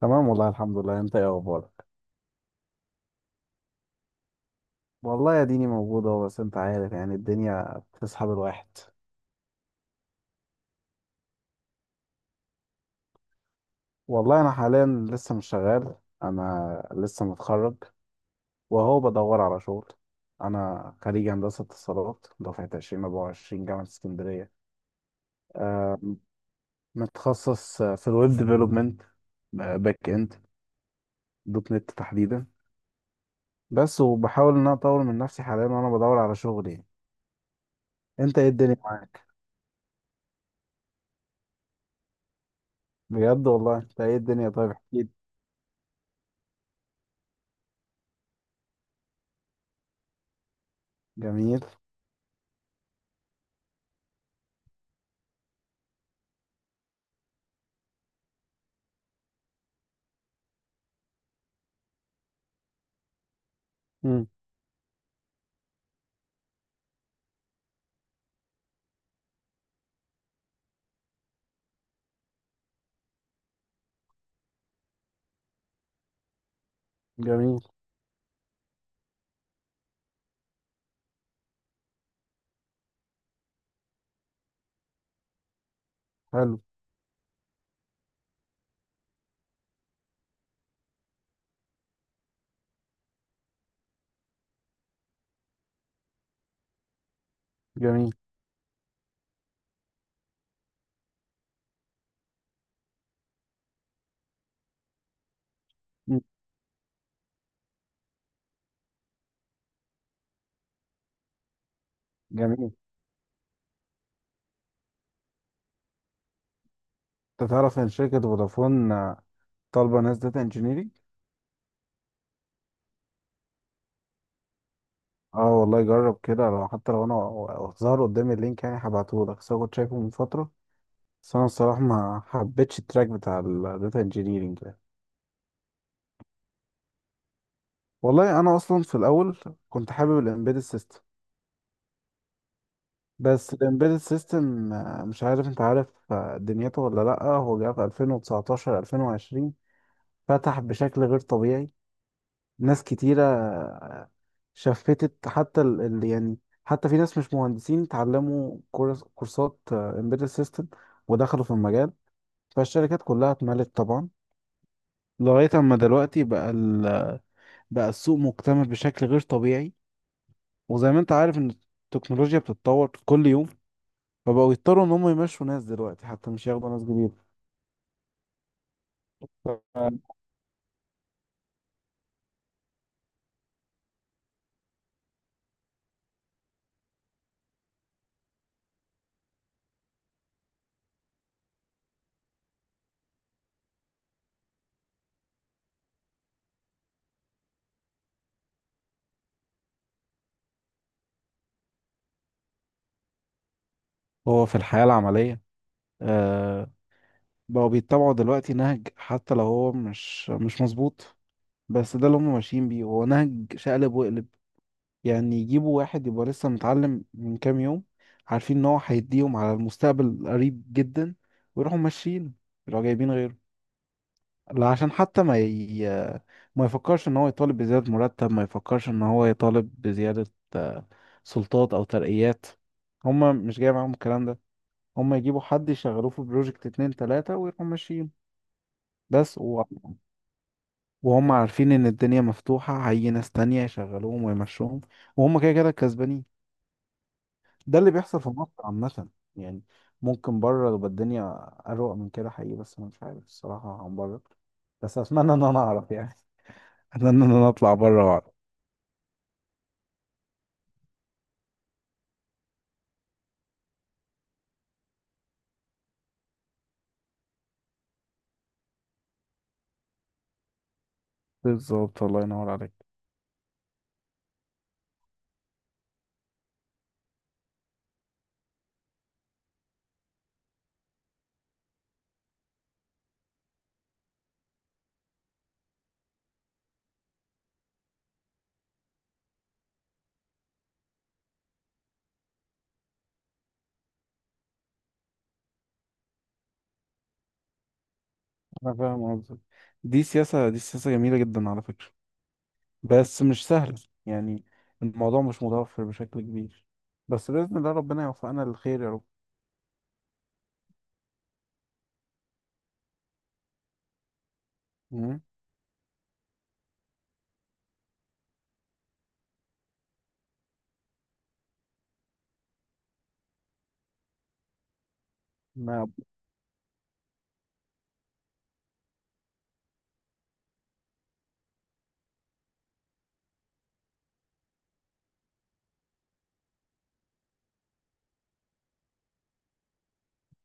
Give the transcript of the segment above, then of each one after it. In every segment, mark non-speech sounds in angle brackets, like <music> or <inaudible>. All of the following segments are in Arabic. تمام. والله الحمد لله. انت ايه اخبارك؟ والله يا ديني موجودة، بس انت عارف يعني الدنيا بتسحب الواحد. والله انا حاليا لسه مش شغال، انا لسه متخرج وهو بدور على شغل. انا خريج هندسة اتصالات دفعة 2024 جامعة اسكندرية. آه، متخصص في الويب ديفلوبمنت، باك اند، دوت نت تحديدا. بس وبحاول ان انا اطور من نفسي حاليا وانا بدور على شغل يعني. انت ايه الدنيا معاك؟ بجد والله انت ايه الدنيا؟ طيب احكيلي. جميل. جميل. حلو. جميل. مم. جميل. انت تعرف ان شركة فودافون طالبة ناس داتا انجينيرنج. اه والله جرب كده، لو حتى لو انا ظهر قدامي اللينك يعني هبعته لك، بس أنا كنت شايفه من فترة. بس انا الصراحة ما حبيتش التراك بتاع الداتا انجينيرنج ده. والله انا اصلا في الاول كنت حابب الامبيدد سيستم. بس الامبيدد سيستم مش عارف، انت عارف دنيته ولا لا. هو جه في 2019 2020 فتح بشكل غير طبيعي. ناس كتيرة شفتت يعني حتى في ناس مش مهندسين اتعلموا كورسات امبيدد سيستم ودخلوا في المجال. فالشركات كلها اتملت طبعا. لغاية اما دلوقتي بقى السوق مكتمل بشكل غير طبيعي. وزي ما انت عارف ان التكنولوجيا بتتطور كل يوم، فبقوا يضطروا ان هم يمشوا ناس دلوقتي حتى مش ياخدوا ناس جديدة. هو في الحياة العملية آه، بقوا بيتبعوا دلوقتي نهج حتى لو هو مش مظبوط، بس ده اللي هم ماشيين بيه هو نهج شقلب وقلب. يعني يجيبوا واحد يبقى لسه متعلم من كام يوم، عارفين ان هو هيديهم على المستقبل القريب جدا ويروحوا ماشيين، يروحوا جايبين غيره. لا عشان حتى ما يفكرش ان هو يطالب بزيادة مرتب، ما يفكرش ان هو يطالب بزيادة آه، سلطات او ترقيات. هم مش جاي معاهم الكلام ده، هم يجيبوا حد يشغلوه في بروجكت اتنين تلاتة ويروحوا ماشيين بس. وهم عارفين ان الدنيا مفتوحة هيجي ناس تانية يشغلوهم ويمشوهم وهم كده كده كسبانين. ده اللي بيحصل في مصر عامة يعني. ممكن بره تبقى الدنيا أروق من كده حقيقي، بس أنا مش عارف الصراحة عن بره، بس أتمنى إن أنا أعرف يعني. <laughs> أتمنى إن أنا أطلع بره وأعرف. بالظبط، الله ينور عليك. أنا فاهم قصدك. دي سياسة جميلة جدا على فكرة، بس مش سهلة يعني. الموضوع مش متوفر بشكل كبير، بس بإذن الله ربنا يوفقنا للخير يا رب. مم. ما إن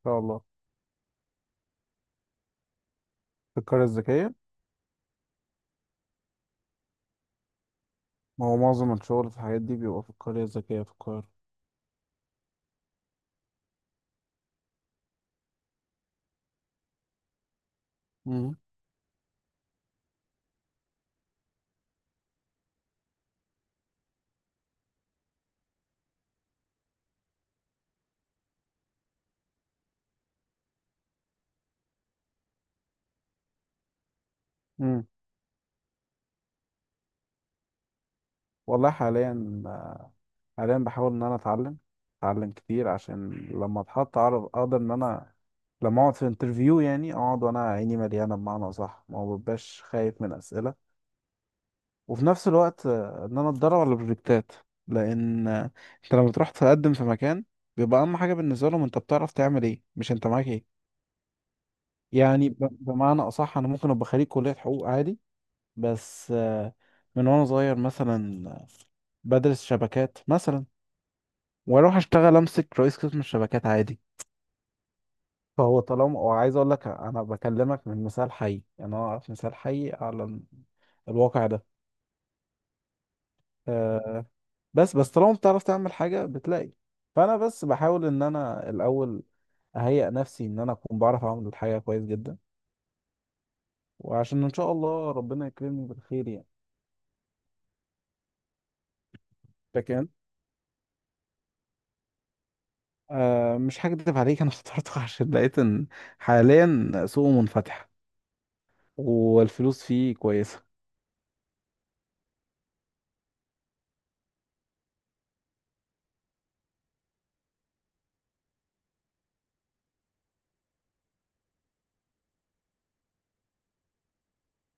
شاء الله. في القرية الذكية. ما هو معظم الشغل في الحاجات دي بيبقى في القرية الذكية في القاهرة. مم. مم. والله حاليا بحاول إن أنا أتعلم كتير عشان لما أتحط أعرف أقدر إن أنا لما أقعد في انترفيو يعني أقعد وأنا عيني مليانة بمعنى صح، ما ببقاش خايف من أسئلة. وفي نفس الوقت إن أنا أتدرب على البروجكتات. لأن أنت لما تروح تقدم في مكان بيبقى أهم حاجة بالنسبة لهم أنت بتعرف تعمل إيه، مش أنت معاك إيه. يعني بمعنى أصح أنا ممكن أبقى خريج كلية حقوق عادي. بس من وانا صغير مثلا بدرس شبكات مثلا واروح اشتغل امسك رئيس قسم الشبكات عادي. فهو طالما وعايز اقول لك انا بكلمك من مثال حي، يعني انا اعرف مثال حي على الواقع ده. آه، بس طالما بتعرف تعمل حاجة بتلاقي، فانا بس بحاول ان انا الاول اهيئ نفسي ان انا اكون بعرف اعمل الحاجة كويس جدا، وعشان ان شاء الله ربنا يكرمني بالخير يعني. لكن أه مش هكدب عليك، انا اخترته <laughs> عشان لقيت ان حاليا سوقه منفتح والفلوس فيه كويسة.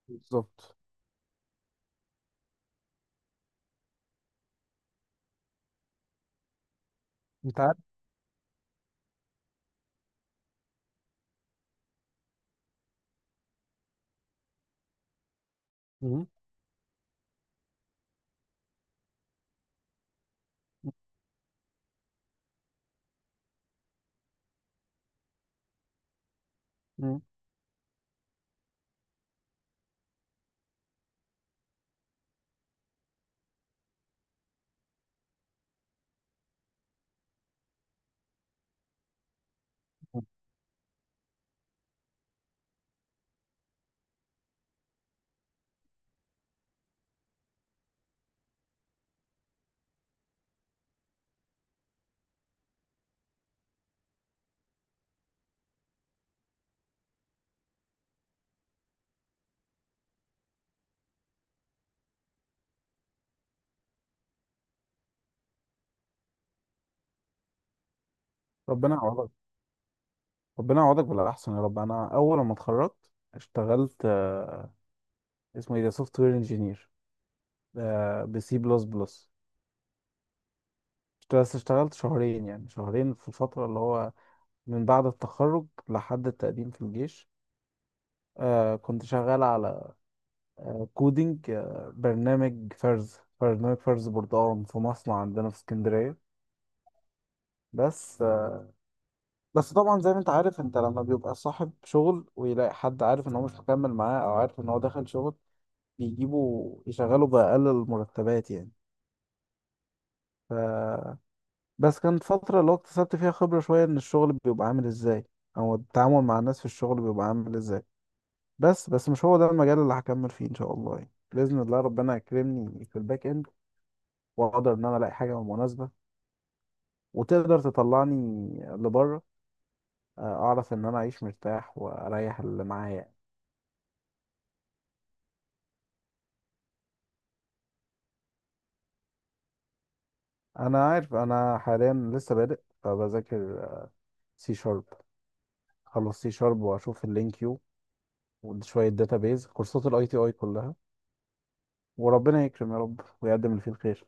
بالظبط. انت عارف. مم. مم. ربنا يعوضك، ربنا يعوضك بالاحسن يا رب. انا اول ما اتخرجت اشتغلت اسمه ايه ده، سوفت وير انجينير بسي بلس بلس. بس اشتغلت شهرين، يعني شهرين في الفترة اللي هو من بعد التخرج لحد التقديم في الجيش. آه كنت شغال على كودينج، برنامج فرز بردقان في مصنع عندنا في اسكندرية. بس آه، بس طبعا زي ما انت عارف، انت لما بيبقى صاحب شغل ويلاقي حد عارف ان هو مش مكمل معاه او عارف ان هو دخل شغل، بيجيبوا يشغلوا بأقل المرتبات يعني. ف... بس كانت فترة اللي هو اكتسبت فيها خبرة شوية ان الشغل بيبقى عامل ازاي او التعامل مع الناس في الشغل بيبقى عامل ازاي. بس مش هو ده المجال اللي هكمل فيه ان شاء الله يعني. بإذن الله ربنا يكرمني في الباك اند واقدر ان انا الاقي حاجة مناسبة وتقدر تطلعني لبره، اعرف ان انا اعيش مرتاح واريح اللي معايا يعني. انا عارف، انا حاليا لسه بادئ فبذاكر سي شارب. خلص سي شارب واشوف اللينكيو وشويه داتابيز كورسات الاي تي اي كلها، وربنا يكرم يا رب ويقدم اللي فيه الخير.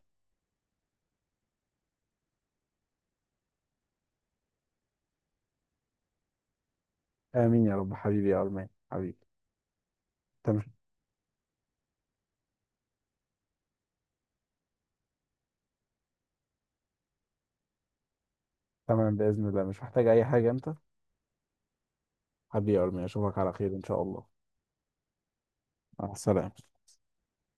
امين يا رب. حبيبي يا ارمان. حبيبي. تمام. تمام باذن الله، مش محتاج اي حاجه انت. حبيبي يا ارمان، اشوفك على خير ان شاء الله. مع السلامه.